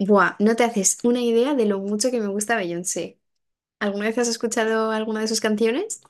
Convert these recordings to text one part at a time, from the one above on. Buah, no te haces una idea de lo mucho que me gusta Beyoncé. ¿Alguna vez has escuchado alguna de sus canciones?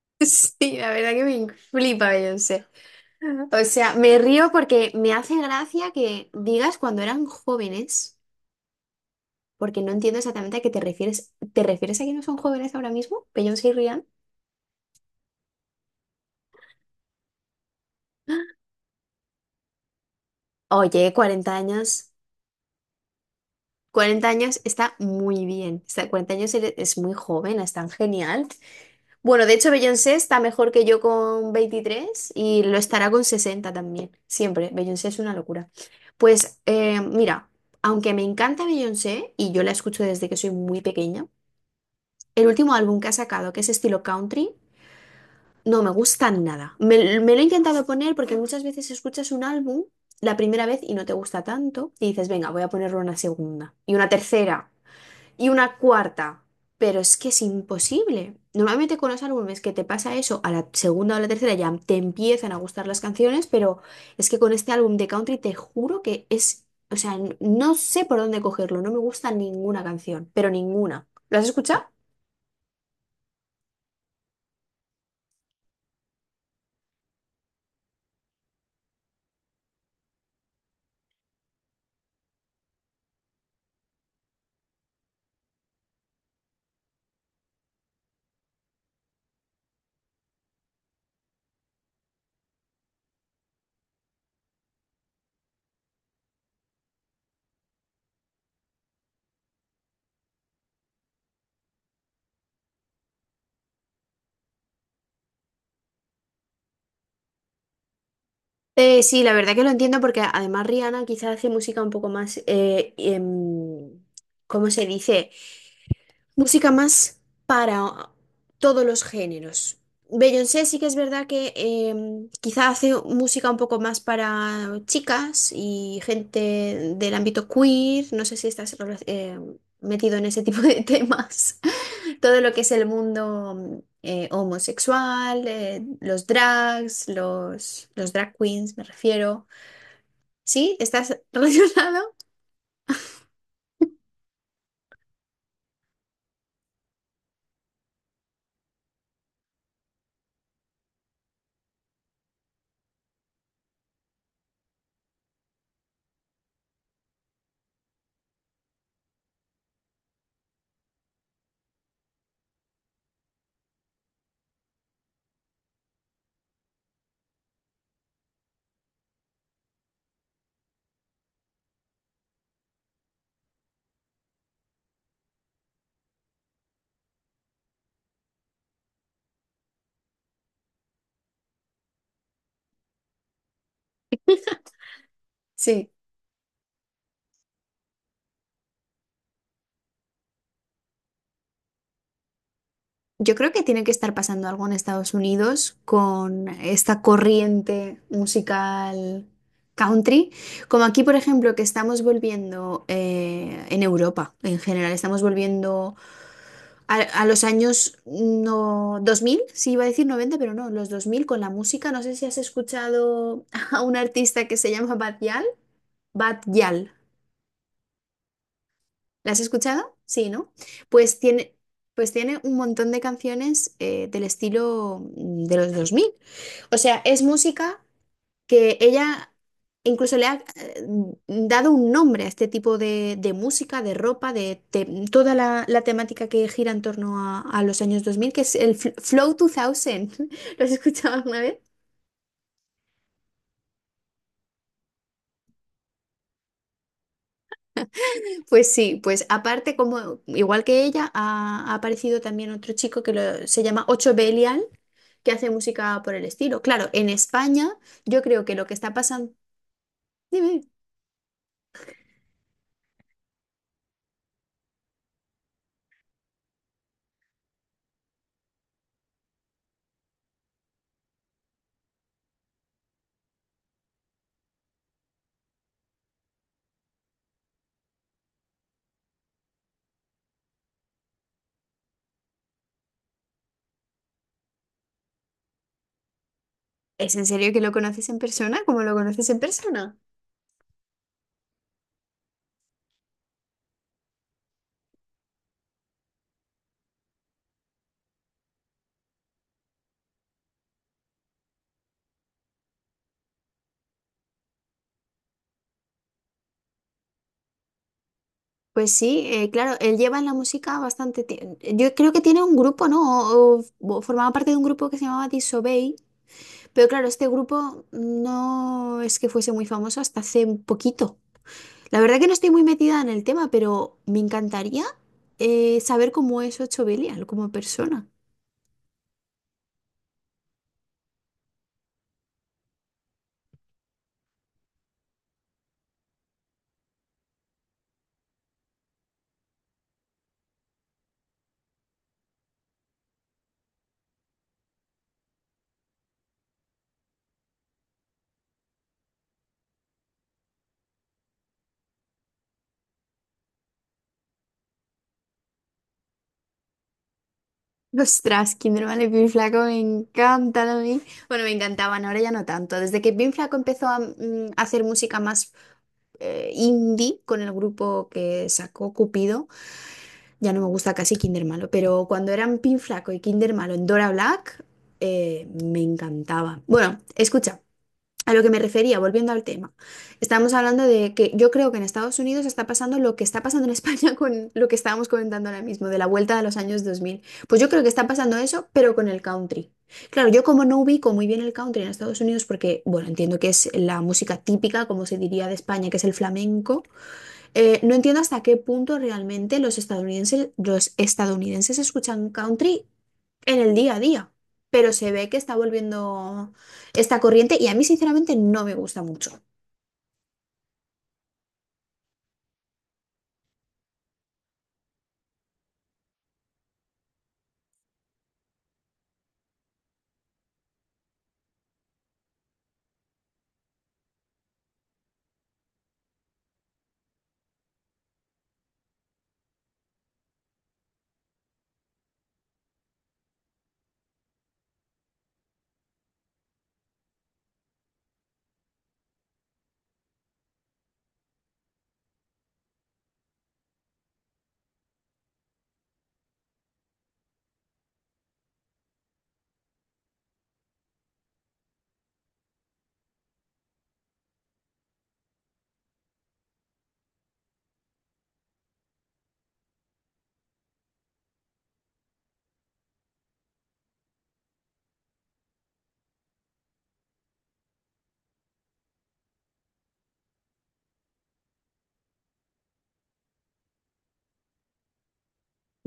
Sí, la verdad que me flipa Beyoncé. O sea, me río porque me hace gracia que digas cuando eran jóvenes, porque no entiendo exactamente a qué te refieres. ¿Te refieres a que no son jóvenes ahora mismo? Beyoncé y Rihanna. Oye, 40 años. Cuarenta años está muy bien. Está, es muy joven, es tan genial. Bueno, de hecho Beyoncé está mejor que yo con 23 y lo estará con 60 también, siempre. Beyoncé es una locura. Pues mira, aunque me encanta Beyoncé y yo la escucho desde que soy muy pequeña, el último álbum que ha sacado, que es estilo country, no me gusta nada. Me lo he intentado poner porque muchas veces escuchas un álbum la primera vez y no te gusta tanto y dices, venga, voy a ponerlo una segunda y una tercera. Y una cuarta. Pero es que es imposible. Normalmente con los álbumes que te pasa eso, a la segunda o la tercera ya te empiezan a gustar las canciones, pero es que con este álbum de country te juro que es, o sea, no sé por dónde cogerlo, no me gusta ninguna canción, pero ninguna. ¿Lo has escuchado? Sí, la verdad que lo entiendo porque además Rihanna quizá hace música un poco más, ¿cómo se dice? Música más para todos los géneros. Beyoncé sí que es verdad que quizá hace música un poco más para chicas y gente del ámbito queer. No sé si metido en ese tipo de temas. Todo lo que es el mundo homosexual, los drags, los drag queens, me refiero. ¿Sí? ¿Estás relacionado? Sí. Yo creo que tiene que estar pasando algo en Estados Unidos con esta corriente musical country, como aquí, por ejemplo, que estamos volviendo en Europa en general, estamos volviendo a los años no, 2000 sí iba a decir 90 pero no, los 2000 con la música. No sé si has escuchado a un artista que se llama Bad Gyal. Bad Gyal. ¿La has escuchado? Sí, ¿no? Pues tiene, pues tiene un montón de canciones del estilo de los 2000. O sea, es música que ella incluso le ha dado un nombre a este tipo de música, de ropa, toda la temática que gira en torno a los años 2000, que es el Flow 2000. ¿Lo has escuchado alguna vez? Pues sí, pues aparte, como igual que ella, ha aparecido también otro chico que se llama Ocho Belial que hace música por el estilo. Claro, en España yo creo que lo que está pasando... Dime, ¿es en serio que lo conoces en persona? ¿Cómo lo conoces en persona? Pues sí, claro, él lleva en la música bastante tiempo. Yo creo que tiene un grupo, ¿no? O formaba parte de un grupo que se llamaba Disobey, pero claro, este grupo no es que fuese muy famoso hasta hace un poquito. La verdad que no estoy muy metida en el tema, pero me encantaría saber cómo es Ocho Belial como persona. Ostras, Kinder Bueno y Pin Flaco me encantan a mí. Bueno, me encantaban, ahora ya no tanto. Desde que Pin Flaco empezó a a hacer música más indie con el grupo que sacó Cupido, ya no me gusta casi Kinder Malo. Pero cuando eran Pin Flaco y Kinder Malo en Dora Black, me encantaba. Bueno, escucha. A lo que me refería, volviendo al tema, estábamos hablando de que yo creo que en Estados Unidos está pasando lo que está pasando en España con lo que estábamos comentando ahora mismo, de la vuelta de los años 2000. Pues yo creo que está pasando eso, pero con el country. Claro, yo como no ubico muy bien el country en Estados Unidos, porque, bueno, entiendo que es la música típica, como se diría de España, que es el flamenco, no entiendo hasta qué punto realmente los estadounidenses escuchan country en el día a día, pero se ve que está volviendo esta corriente y a mí sinceramente no me gusta mucho.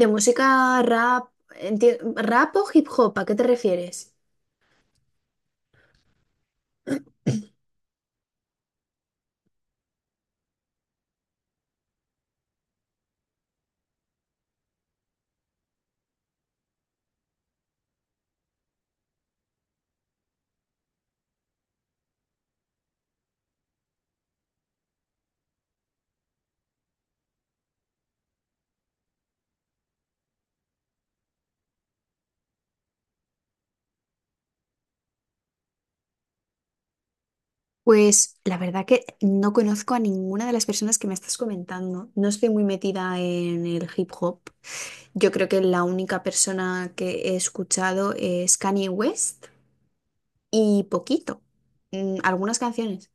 De música rap, enti- rap o hip hop, ¿a qué te refieres? Pues la verdad que no conozco a ninguna de las personas que me estás comentando. No estoy muy metida en el hip hop. Yo creo que la única persona que he escuchado es Kanye West y poquito, algunas canciones.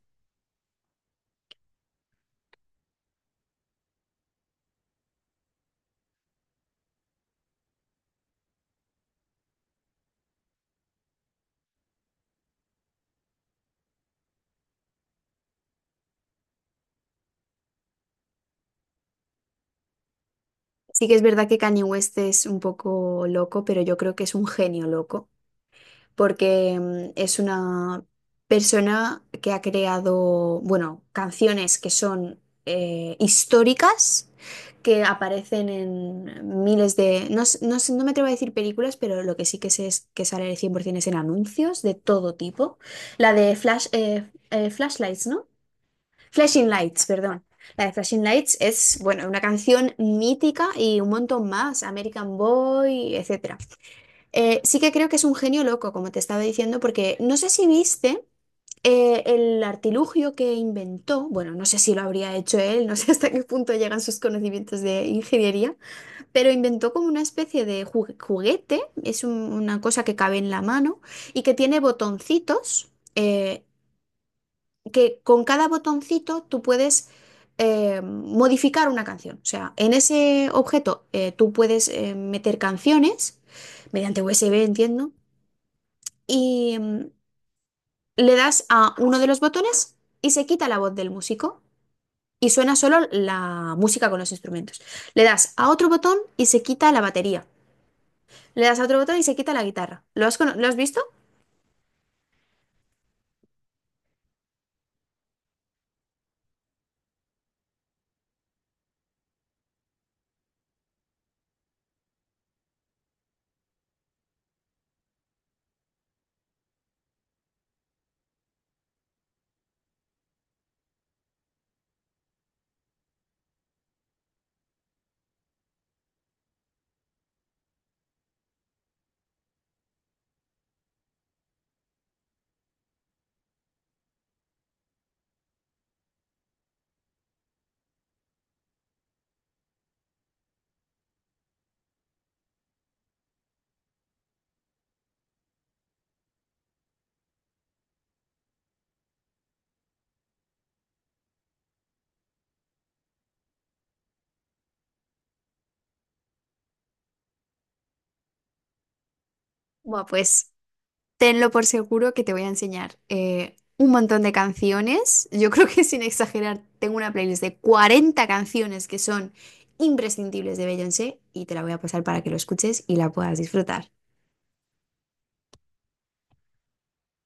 Sí que es verdad que Kanye West es un poco loco, pero yo creo que es un genio loco. Porque es una persona que ha creado, bueno, canciones que son históricas, que aparecen en miles de, no me atrevo a decir películas, pero lo que sí que sé es que sale 100% es en anuncios de todo tipo. La de Flashlights, ¿no? Flashing Lights, perdón. La de Flashing Lights es, bueno, una canción mítica y un montón más, American Boy, etc. Sí que creo que es un genio loco, como te estaba diciendo, porque no sé si viste el artilugio que inventó, bueno, no sé si lo habría hecho él, no sé hasta qué punto llegan sus conocimientos de ingeniería, pero inventó como una especie de juguete, es una cosa que cabe en la mano y que tiene botoncitos, que con cada botoncito tú puedes... modificar una canción. O sea, en ese objeto tú puedes meter canciones mediante USB, entiendo, y le das a uno de los botones y se quita la voz del músico y suena solo la música con los instrumentos. Le das a otro botón y se quita la batería. Le das a otro botón y se quita la guitarra. ¿Lo has, lo has visto? Bueno, pues tenlo por seguro que te voy a enseñar un montón de canciones. Yo creo que sin exagerar, tengo una playlist de 40 canciones que son imprescindibles de Beyoncé y te la voy a pasar para que lo escuches y la puedas disfrutar.